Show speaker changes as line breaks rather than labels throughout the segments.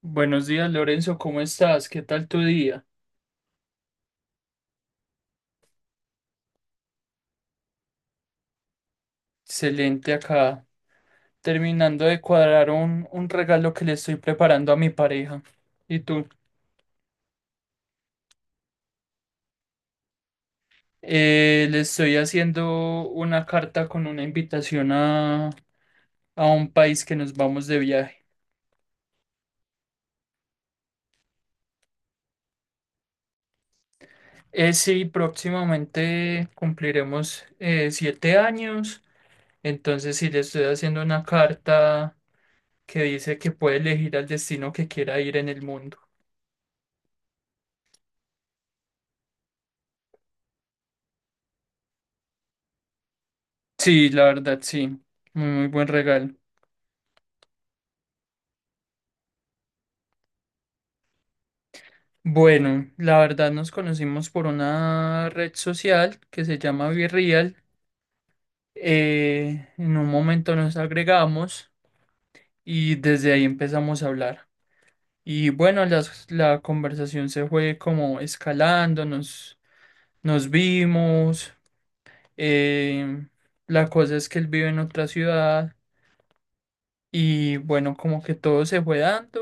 Buenos días, Lorenzo, ¿cómo estás? ¿Qué tal tu día? Excelente acá, terminando de cuadrar un regalo que le estoy preparando a mi pareja. ¿Y tú? Le estoy haciendo una carta con una invitación a un país que nos vamos de viaje. Sí, próximamente cumpliremos 7 años, entonces sí le estoy haciendo una carta que dice que puede elegir al destino que quiera ir en el mundo. Sí, la verdad, sí. Muy muy buen regalo. Bueno, la verdad nos conocimos por una red social que se llama Virreal. En un momento nos agregamos y desde ahí empezamos a hablar. Y bueno, la conversación se fue como escalando, nos vimos. eh, la cosa es que él vive en otra ciudad y bueno, como que todo se fue dando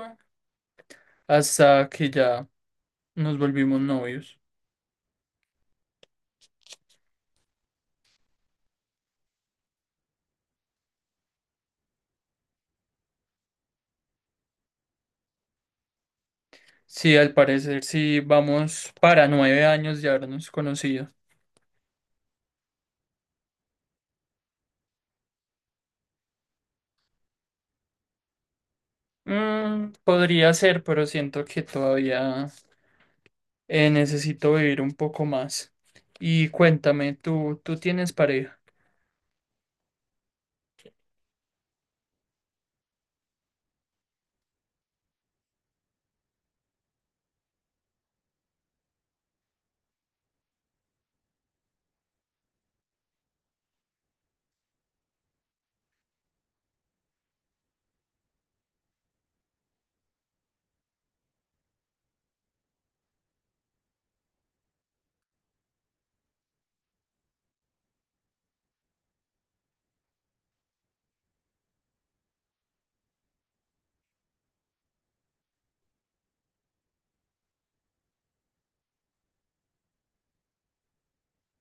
hasta que ya nos volvimos novios. Sí, al parecer sí vamos para 9 años de habernos conocido. Mm, podría ser, pero siento que todavía necesito vivir un poco más. Y cuéntame, ¿tú tienes pareja?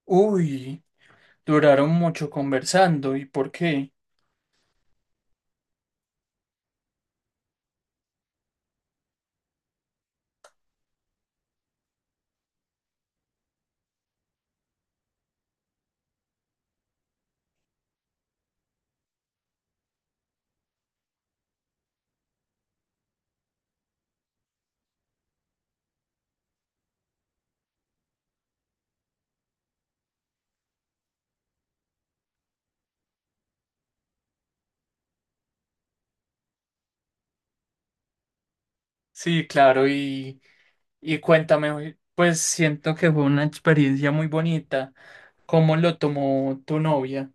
Uy, duraron mucho conversando, ¿y por qué? Sí, claro, y cuéntame, pues siento que fue una experiencia muy bonita. ¿Cómo lo tomó tu novia?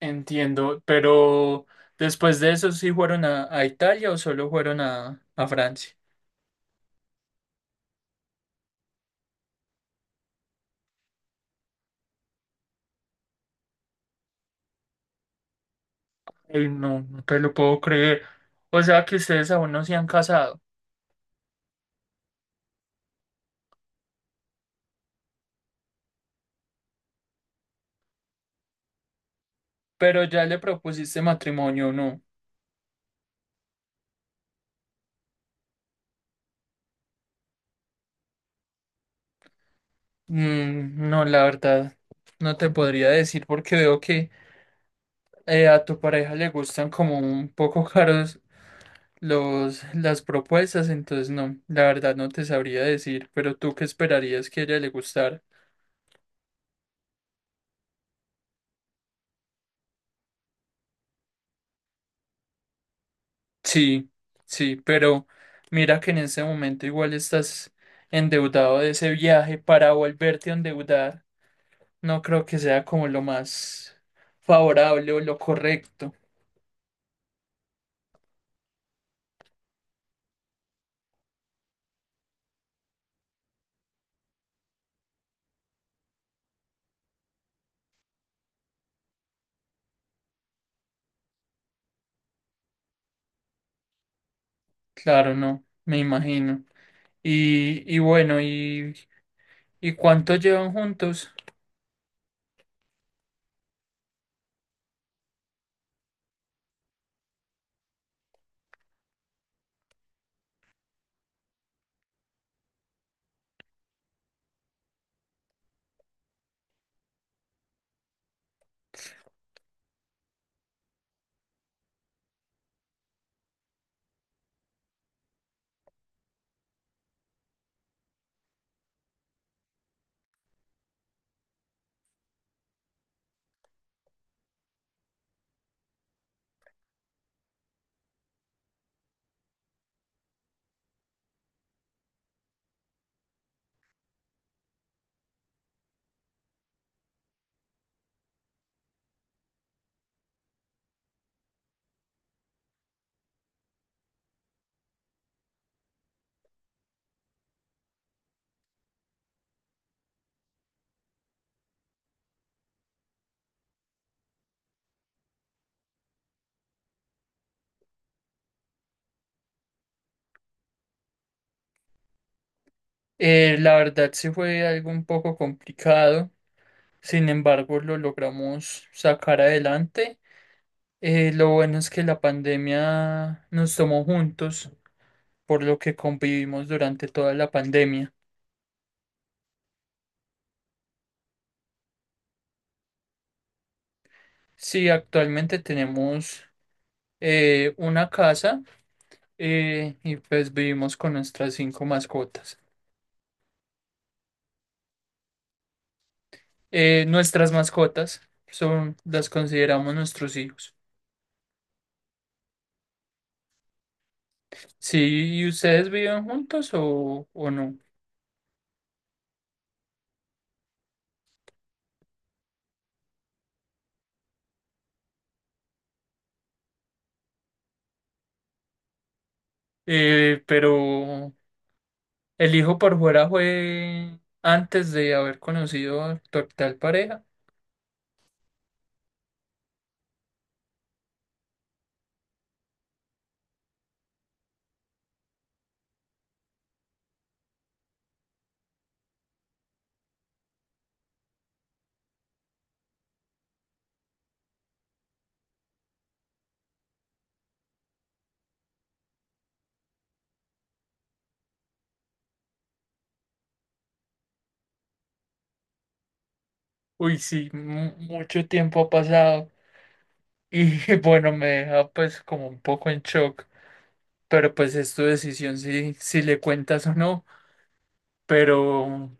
Entiendo, pero después de eso sí fueron a Italia o solo fueron a Francia. Ey, no, no te lo puedo creer. O sea que ustedes aún no se han casado, pero ya le propusiste matrimonio, ¿no? Mm, no, la verdad, no te podría decir porque veo que a tu pareja le gustan como un poco caros las propuestas, entonces no, la verdad no te sabría decir, pero tú qué esperarías que a ella le gustara. Sí, sí, pero mira que en ese momento igual estás endeudado de ese viaje para volverte a endeudar. No creo que sea como lo más favorable o lo correcto. Claro, no, me imagino. Y bueno, ¿y cuánto llevan juntos? La verdad sí fue algo un poco complicado. Sin embargo, lo logramos sacar adelante. Lo bueno es que la pandemia nos tomó juntos. Por lo que convivimos durante toda la pandemia. Sí, actualmente tenemos una casa y pues vivimos con nuestras 5 mascotas. Nuestras mascotas son, las consideramos nuestros hijos. Sí, ¿y ustedes viven juntos o no? Pero el hijo por fuera fue antes de haber conocido a tu actual pareja. Uy, sí, mucho tiempo ha pasado. Y bueno, me deja pues como un poco en shock, pero pues es tu decisión si le cuentas o no, pero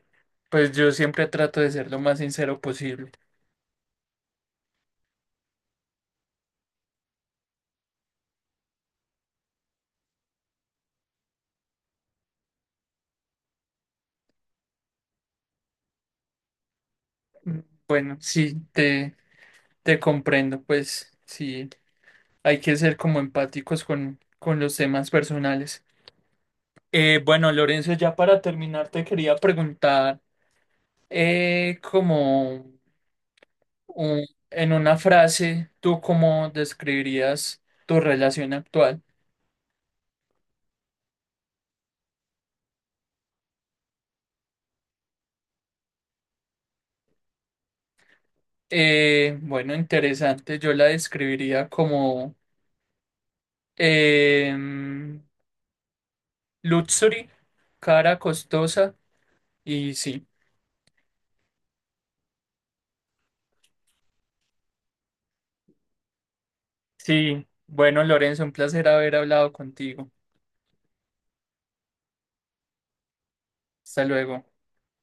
pues yo siempre trato de ser lo más sincero posible. Bueno, sí, te comprendo, pues sí, hay que ser como empáticos con los temas personales. Bueno, Lorenzo, ya para terminar te quería preguntar, como en una frase, ¿tú cómo describirías tu relación actual? Bueno, interesante. Yo la describiría como em, luxury, cara costosa y sí. Sí, bueno, Lorenzo, un placer haber hablado contigo. Hasta luego.